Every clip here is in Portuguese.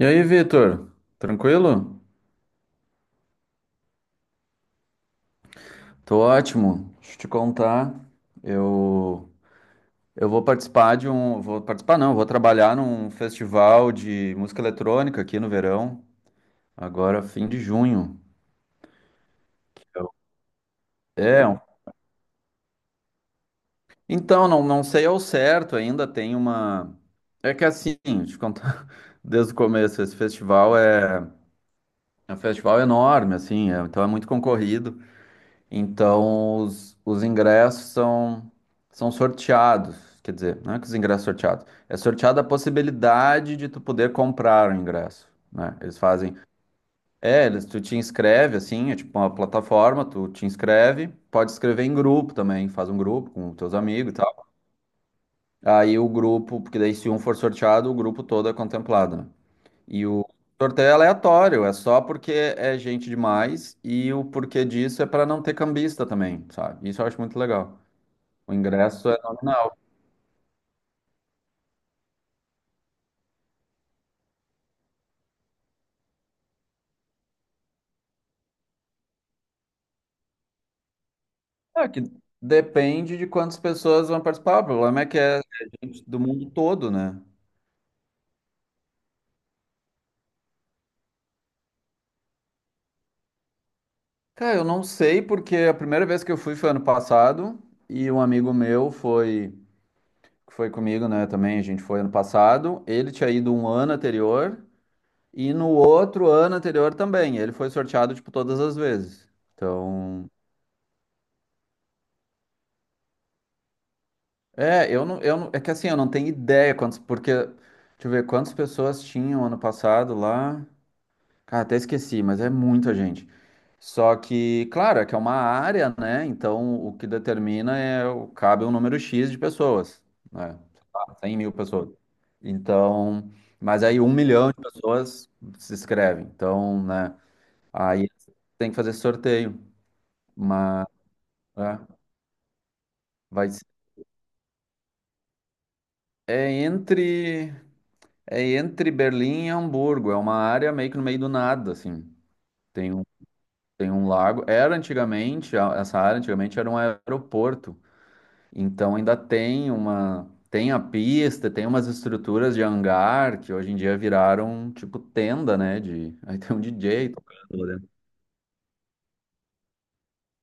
E aí, Vitor? Tranquilo? Tô ótimo. Deixa eu te contar. Eu, eu vou participar de um. Vou participar, não, vou trabalhar num festival de música eletrônica aqui no verão, agora fim de junho. É, então, não sei ao certo ainda, tem uma. É que assim, deixa eu te contar desde o começo, esse festival é. É um festival enorme, assim, então é muito concorrido. Então, os ingressos são sorteados. Quer dizer, não é que os ingressos são sorteados. É sorteada a possibilidade de tu poder comprar o ingresso, né? Eles fazem. É, eles, tu te inscreve, assim, é tipo uma plataforma, tu te inscreve. Pode escrever em grupo também, faz um grupo com teus amigos e tal. Aí o grupo, porque daí se um for sorteado, o grupo todo é contemplado, né? E o sorteio é aleatório, é só porque é gente demais e o porquê disso é para não ter cambista também, sabe? Isso eu acho muito legal. O ingresso é nominal. É que depende de quantas pessoas vão participar. O problema é que é gente do mundo todo, né? Cara, eu não sei porque a primeira vez que eu fui foi ano passado e um amigo meu foi que foi comigo, né, também, a gente foi ano passado. Ele tinha ido um ano anterior. E no outro ano anterior também, ele foi sorteado, tipo, todas as vezes. Então, é, eu não, é que assim, eu não tenho ideia quantos, porque, deixa eu ver, quantas pessoas tinham ano passado lá. Cara, até esqueci, mas é muita gente. Só que, claro, é que é uma área, né? Então, o que determina é, cabe um número X de pessoas, né? Sei lá, 100 mil pessoas. Então, mas aí um milhão de pessoas se inscrevem. Então, né? Aí tem que fazer sorteio. Mas é, vai ser- é entre é entre Berlim e Hamburgo, é uma área meio que no meio do nada, assim. Tem um, tem um lago. Era antigamente, essa área antigamente era um aeroporto. Então ainda tem a pista, tem umas estruturas de hangar que hoje em dia viraram tipo tenda, né, de aí tem um DJ tocando lá dentro.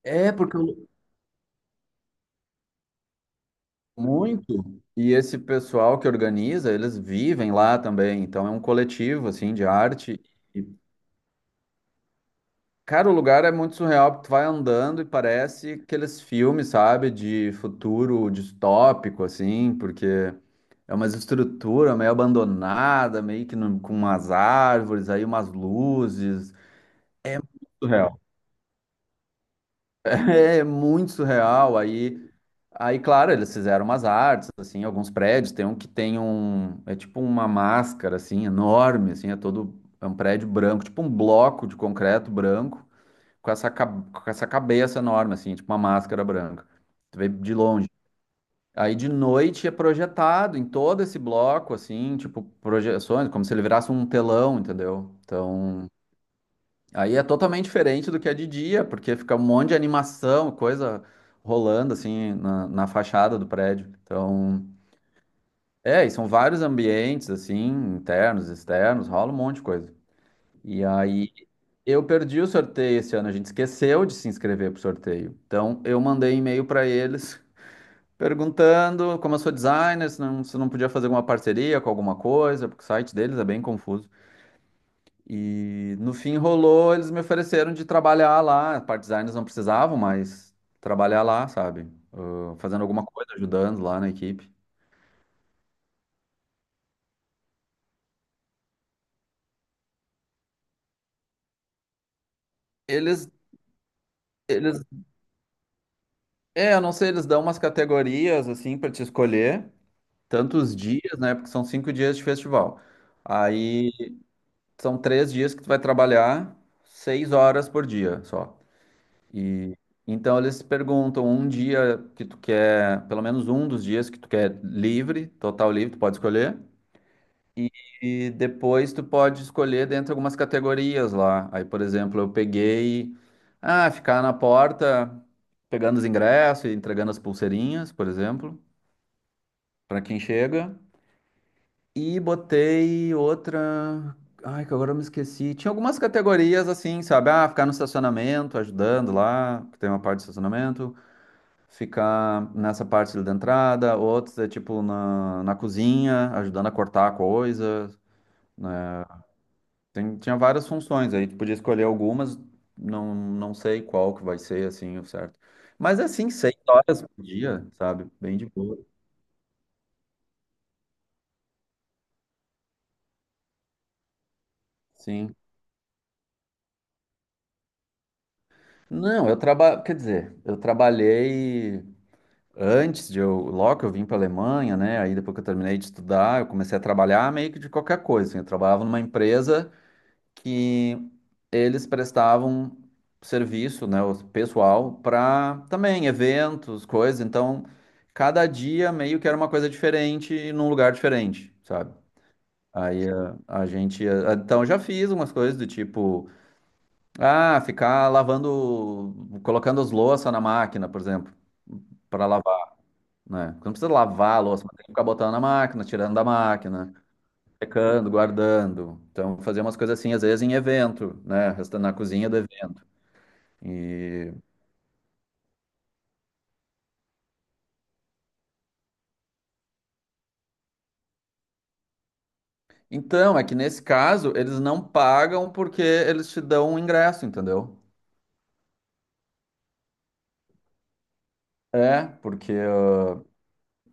É, porque muito. E esse pessoal que organiza, eles vivem lá também, então é um coletivo assim de arte. Cara, o lugar é muito surreal, porque tu vai andando e parece aqueles filmes, sabe, de futuro distópico, assim, porque é uma estrutura meio abandonada, meio que com umas árvores, aí umas luzes. Surreal. É muito surreal. Aí, claro, eles fizeram umas artes, assim, alguns prédios. Tem um que tem um, é tipo uma máscara, assim, enorme, assim, é todo, é um prédio branco, tipo um bloco de concreto branco. Com essa cabeça enorme, assim, tipo uma máscara branca. Tu vê de longe. Aí de noite é projetado em todo esse bloco, assim, tipo, projeções, como se ele virasse um telão, entendeu? Então, aí é totalmente diferente do que é de dia, porque fica um monte de animação, coisa rolando, assim, na, fachada do prédio. Então, é, e são vários ambientes, assim, internos, externos, rola um monte de coisa. E aí. Eu perdi o sorteio esse ano, a gente esqueceu de se inscrever pro sorteio. Então, eu mandei e-mail para eles perguntando, como eu sou designer, se não podia fazer alguma parceria com alguma coisa, porque o site deles é bem confuso. E no fim rolou, eles me ofereceram de trabalhar lá. A parte designers não precisavam, mas trabalhar lá, sabe? Ah, fazendo alguma coisa, ajudando lá na equipe. Eles, eles, é, eu não sei, eles dão umas categorias assim para te escolher, tantos dias, né? Porque são 5 dias de festival. Aí são 3 dias que tu vai trabalhar 6 horas por dia só. E então eles perguntam um dia que tu quer, pelo menos um dos dias que tu quer livre, total livre, tu pode escolher. E, e depois tu pode escolher dentro de algumas categorias lá. Aí, por exemplo, eu peguei, ah, ficar na porta pegando os ingressos e entregando as pulseirinhas, por exemplo, para quem chega. E botei outra. Ai, que agora eu me esqueci. Tinha algumas categorias assim, sabe? Ah, ficar no estacionamento, ajudando lá, que tem uma parte de estacionamento. Ficar nessa parte ali da entrada. Outros é tipo na cozinha, ajudando a cortar a coisa, né? Tinha várias funções aí. Tu podia escolher algumas, não sei qual que vai ser assim, o certo. Mas é assim, 6 horas por dia, sabe? Bem de boa. Sim. Não, eu trabalho. Quer dizer, eu trabalhei. Antes de eu, logo que eu vim para a Alemanha, né? Aí depois que eu terminei de estudar, eu comecei a trabalhar meio que de qualquer coisa assim. Eu trabalhava numa empresa que eles prestavam serviço, né, o pessoal para também eventos, coisas. Então, cada dia meio que era uma coisa diferente e num lugar diferente, sabe? Aí a gente, então eu já fiz umas coisas do tipo, ah, ficar lavando, colocando as louças na máquina, por exemplo, para lavar, né? Porque não precisa lavar a louça, mas tem que ficar botando na máquina, tirando da máquina, secando, guardando. Então, fazer umas coisas assim, às vezes em evento, né? Na cozinha do evento. E. Então, é que nesse caso, eles não pagam porque eles te dão um ingresso, entendeu? É, porque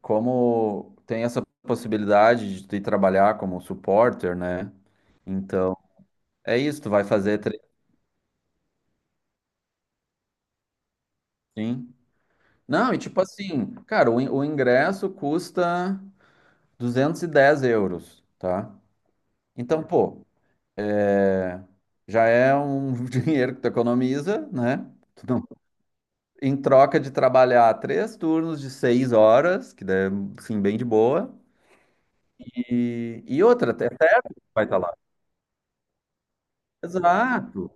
como tem essa possibilidade de tu ir trabalhar como supporter, né? Então, é isso, tu vai fazer. Sim. Não, e tipo assim, cara, o ingresso custa 210 euros, tá? Então, pô, é, já é um dinheiro que tu economiza, né? Tu não- Em troca de trabalhar três turnos de 6 horas, que é, assim, bem de boa, e outra, até vai estar lá. Exato,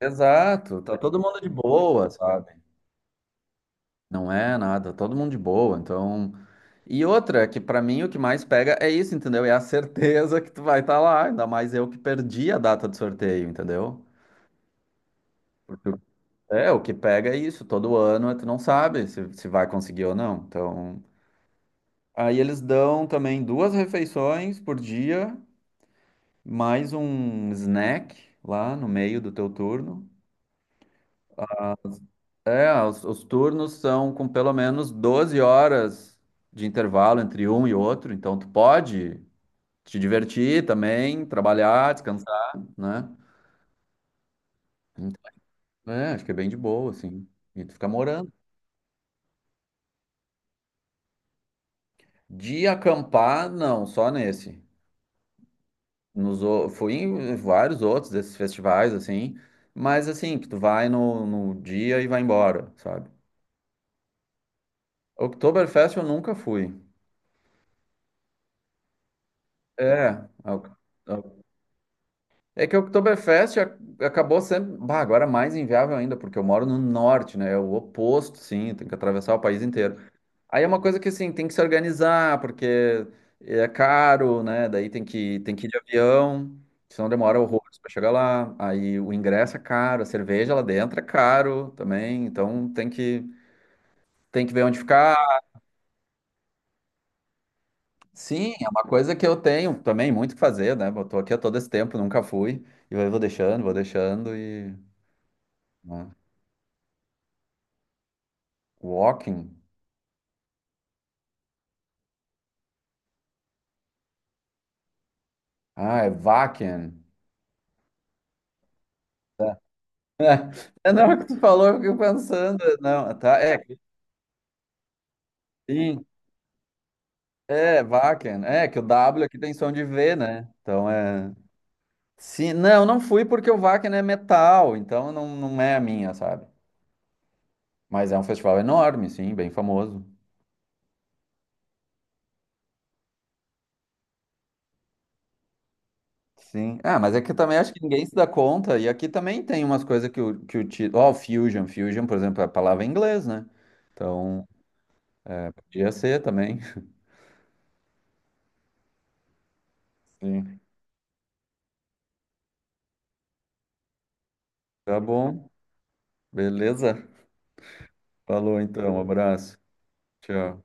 exato. Tá todo mundo de boa, sabe? Não é nada, tá todo mundo de boa, então. E outra, que pra mim o que mais pega é isso, entendeu? É a certeza que tu vai estar lá, ainda mais eu que perdi a data do sorteio, entendeu? É, o que pega é isso, todo ano tu não sabe se vai conseguir ou não. Então, aí eles dão também duas refeições por dia, mais um snack lá no meio do teu turno. É, os turnos são com pelo menos 12 horas de intervalo entre um e outro, então tu pode te divertir também, trabalhar, descansar, né? Então, é, acho que é bem de boa, assim. E tu fica morando. De acampar, não, só nesse. Fui em vários outros desses festivais, assim, mas assim, que tu vai no dia e vai embora, sabe? Oktoberfest eu nunca fui. É, a a- é que o Oktoberfest acabou sendo, bah, agora é mais inviável ainda, porque eu moro no norte, né? É o oposto, sim, tem que atravessar o país inteiro. Aí é uma coisa que assim, tem que se organizar, porque é caro, né? Daí tem que ir de avião, senão demora horrores para chegar lá. Aí o ingresso é caro, a cerveja lá dentro é caro também, então tem que ver onde ficar. Sim, é uma coisa que eu tenho também muito que fazer, né? Eu tô aqui há todo esse tempo, nunca fui, e eu vou deixando e. Né. Walking. Ah, é Wacken. Tá. É, não, é o que tu falou, eu fiquei pensando. Não, tá, é, sim. É, Wacken. É, que o W aqui tem som de V, né? Então é. Sim, não fui porque o Wacken é metal, então não é a minha, sabe? Mas é um festival enorme, sim, bem famoso. Sim. Ah, mas é que eu também acho que ninguém se dá conta, e aqui também tem umas coisas que o título. Ó, Fusion, Fusion, por exemplo, é a palavra em inglês, né? Então, podia ser também. Sim. Tá bom. Beleza? Falou então, abraço. Tchau.